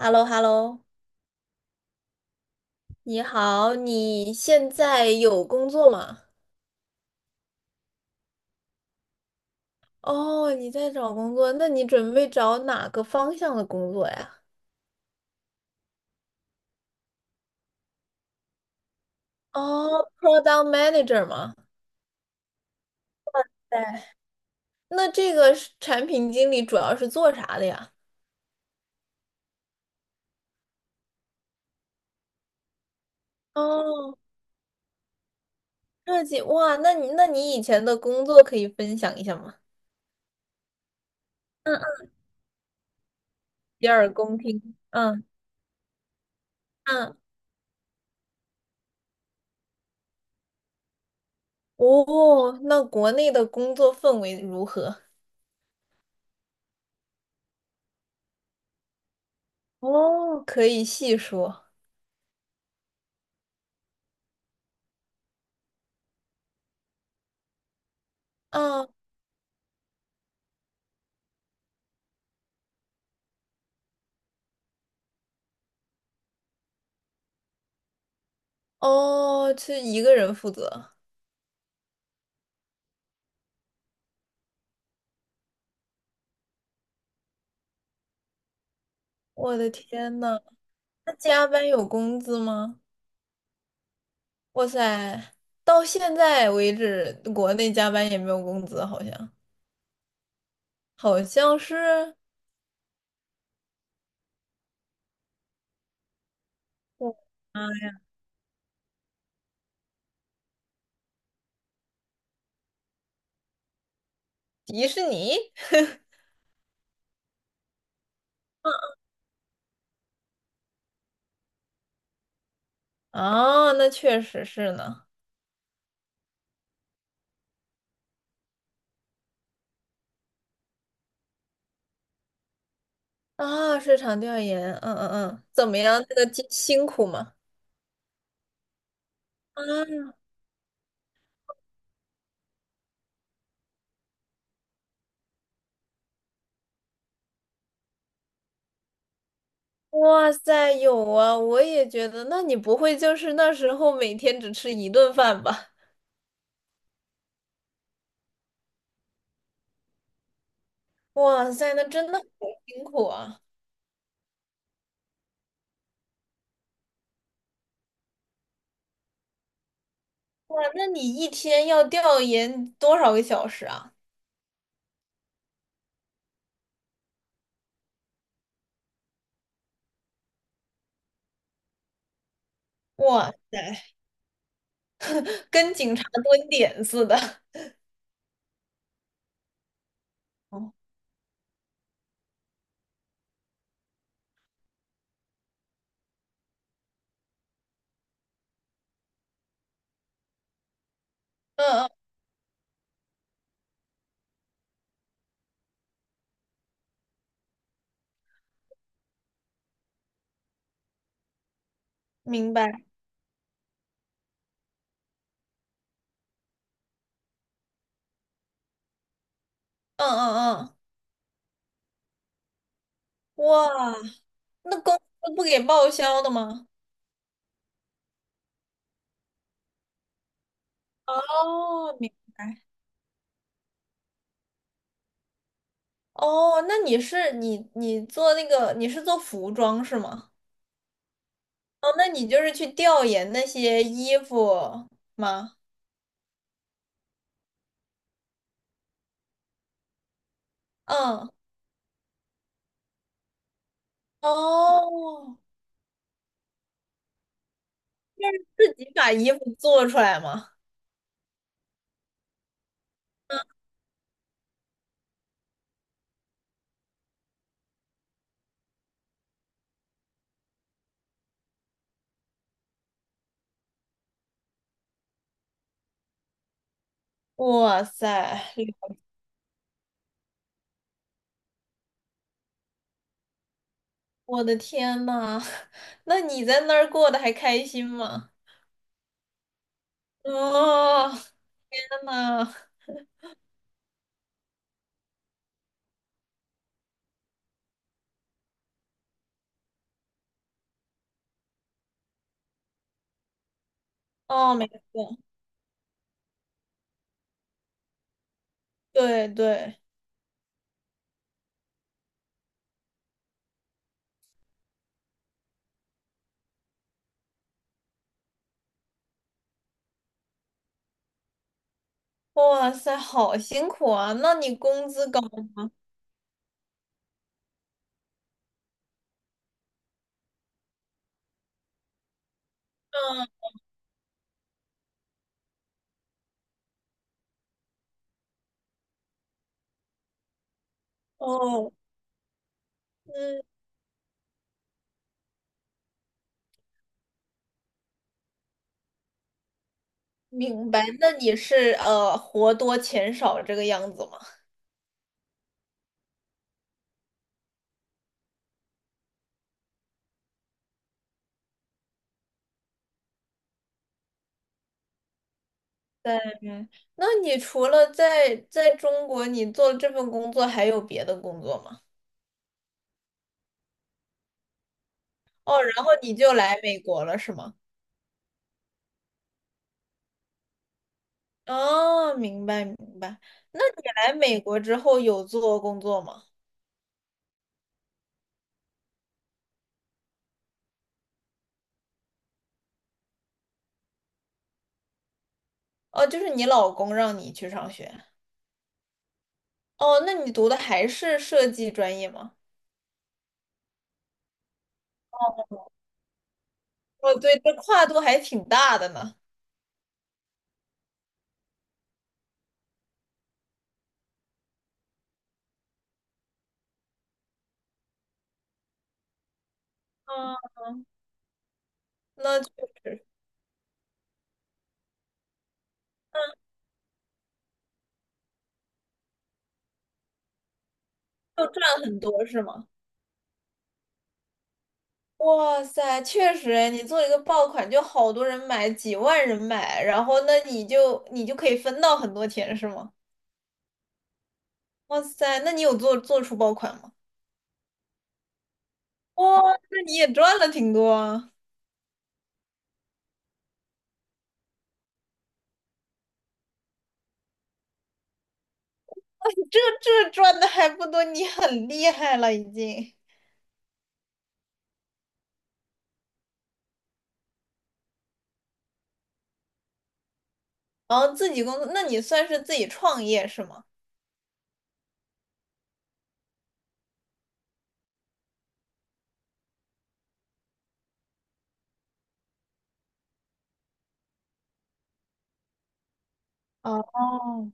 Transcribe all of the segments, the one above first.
h e l l o h e l l o 你好，你现在有工作吗？哦，你在找工作，那你准备找哪个方向的工作呀？哦，Product Manager 吗？对。那这个是产品经理主要是做啥的呀？哦，设计，哇，那你以前的工作可以分享一下吗？嗯嗯，洗耳恭听。嗯嗯，哦，那国内的工作氛围如何？哦，可以细说。啊哦，是一个人负责。我的天呐，那加班有工资吗？哇塞，到现在为止，国内加班也没有工资，好像好像是我迪士尼啊，那确实是呢。啊，市场调研，嗯嗯嗯，怎么样？这个辛苦吗？啊，哇塞，有啊，我也觉得。那你不会就是那时候每天只吃一顿饭吧？哇塞，那真的好辛苦啊！哇，那你一天要调研多少个小时啊？哇塞，跟警察蹲点似的。哦嗯嗯，明白。嗯嗯嗯，哇，那公司不给报销的吗？哦，明白。哦，那你是你做那个你是做服装是吗？哦，那你就是去调研那些衣服吗？嗯，哦，自己把衣服做出来吗？嗯哇塞，我的天呐，那你在那儿过得还开心吗？哦，天呐，哦，没事，对对，哇塞，好辛苦啊！那你工资高吗？哦，嗯，明白。那你是活多钱少这个样子吗？嗯，那你除了在中国，你做这份工作还有别的工作吗？哦，然后你就来美国了，是吗？哦，明白明白。那你来美国之后有做工作吗？哦，就是你老公让你去上学。哦，那你读的还是设计专业吗？哦，对，这跨度还挺大的呢。嗯，那确实就赚很多是吗？哇塞，确实诶，你做一个爆款，就好多人买，几万人买，然后那你就可以分到很多钱是吗？哇塞，那你有做出爆款吗？哇，那你也赚了挺多啊。这这赚的还不多，你很厉害了已经。然后自己工作，那你算是自己创业是吗？哦，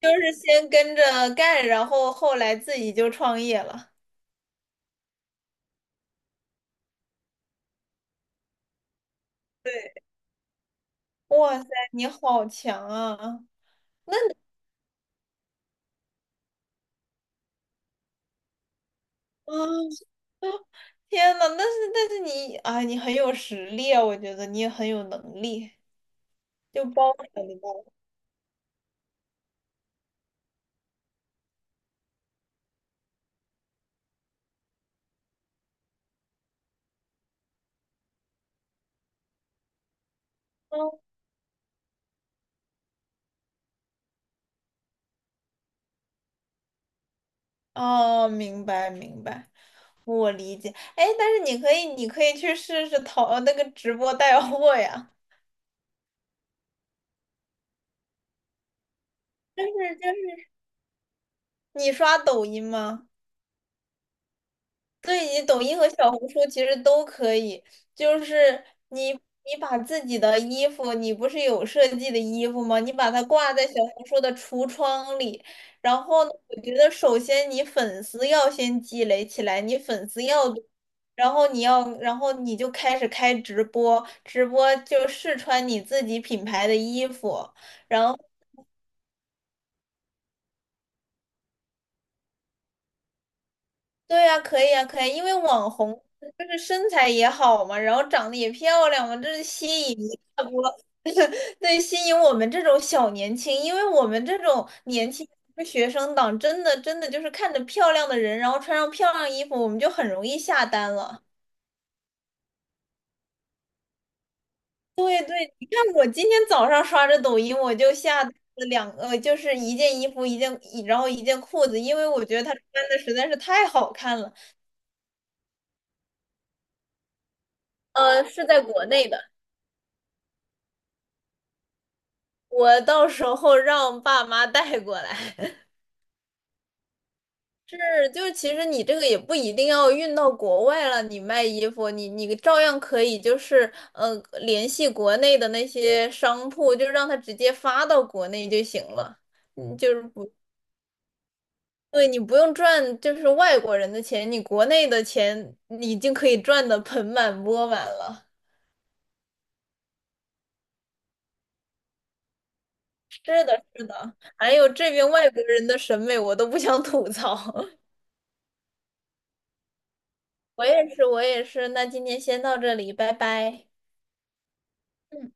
就是先跟着干，然后后来自己就创业了。哇塞，你好强啊！啊，天呐，那是但是你啊，你很有实力啊，我觉得你也很有能力，就包括你的。嗯，哦，明白明白，我理解。哎，但是你可以，你可以去试试淘那个直播带货呀。就是是。你刷抖音吗？对，你抖音和小红书其实都可以，就是你把自己的衣服，你不是有设计的衣服吗？你把它挂在小红书的橱窗里，然后呢，我觉得首先你粉丝要先积累起来，你粉丝要多，然后你要，然后你就开始开直播，直播就试穿你自己品牌的衣服。然后。对呀，可以啊，可以，因为网红就是身材也好嘛，然后长得也漂亮嘛，这是吸引一大波，对，吸引我们这种小年轻，因为我们这种年轻的学生党，真的就是看着漂亮的人，然后穿上漂亮衣服，我们就很容易下单了。你看我今天早上刷着抖音，我就下单了两，就是一件衣服，一件，然后一件裤子，因为我觉得她穿的实在是太好看了。是在国内的。我到时候让爸妈带过来，是就其实你这个也不一定要运到国外了，你卖衣服，你你照样可以就是联系国内的那些商铺，就让他直接发到国内就行了。嗯，就是不对，你不用赚就是外国人的钱，你国内的钱你已经可以赚的盆满钵满了。是的，是的，还有这边外国人的审美我都不想吐槽。我也是，我也是。那今天先到这里，拜拜。嗯。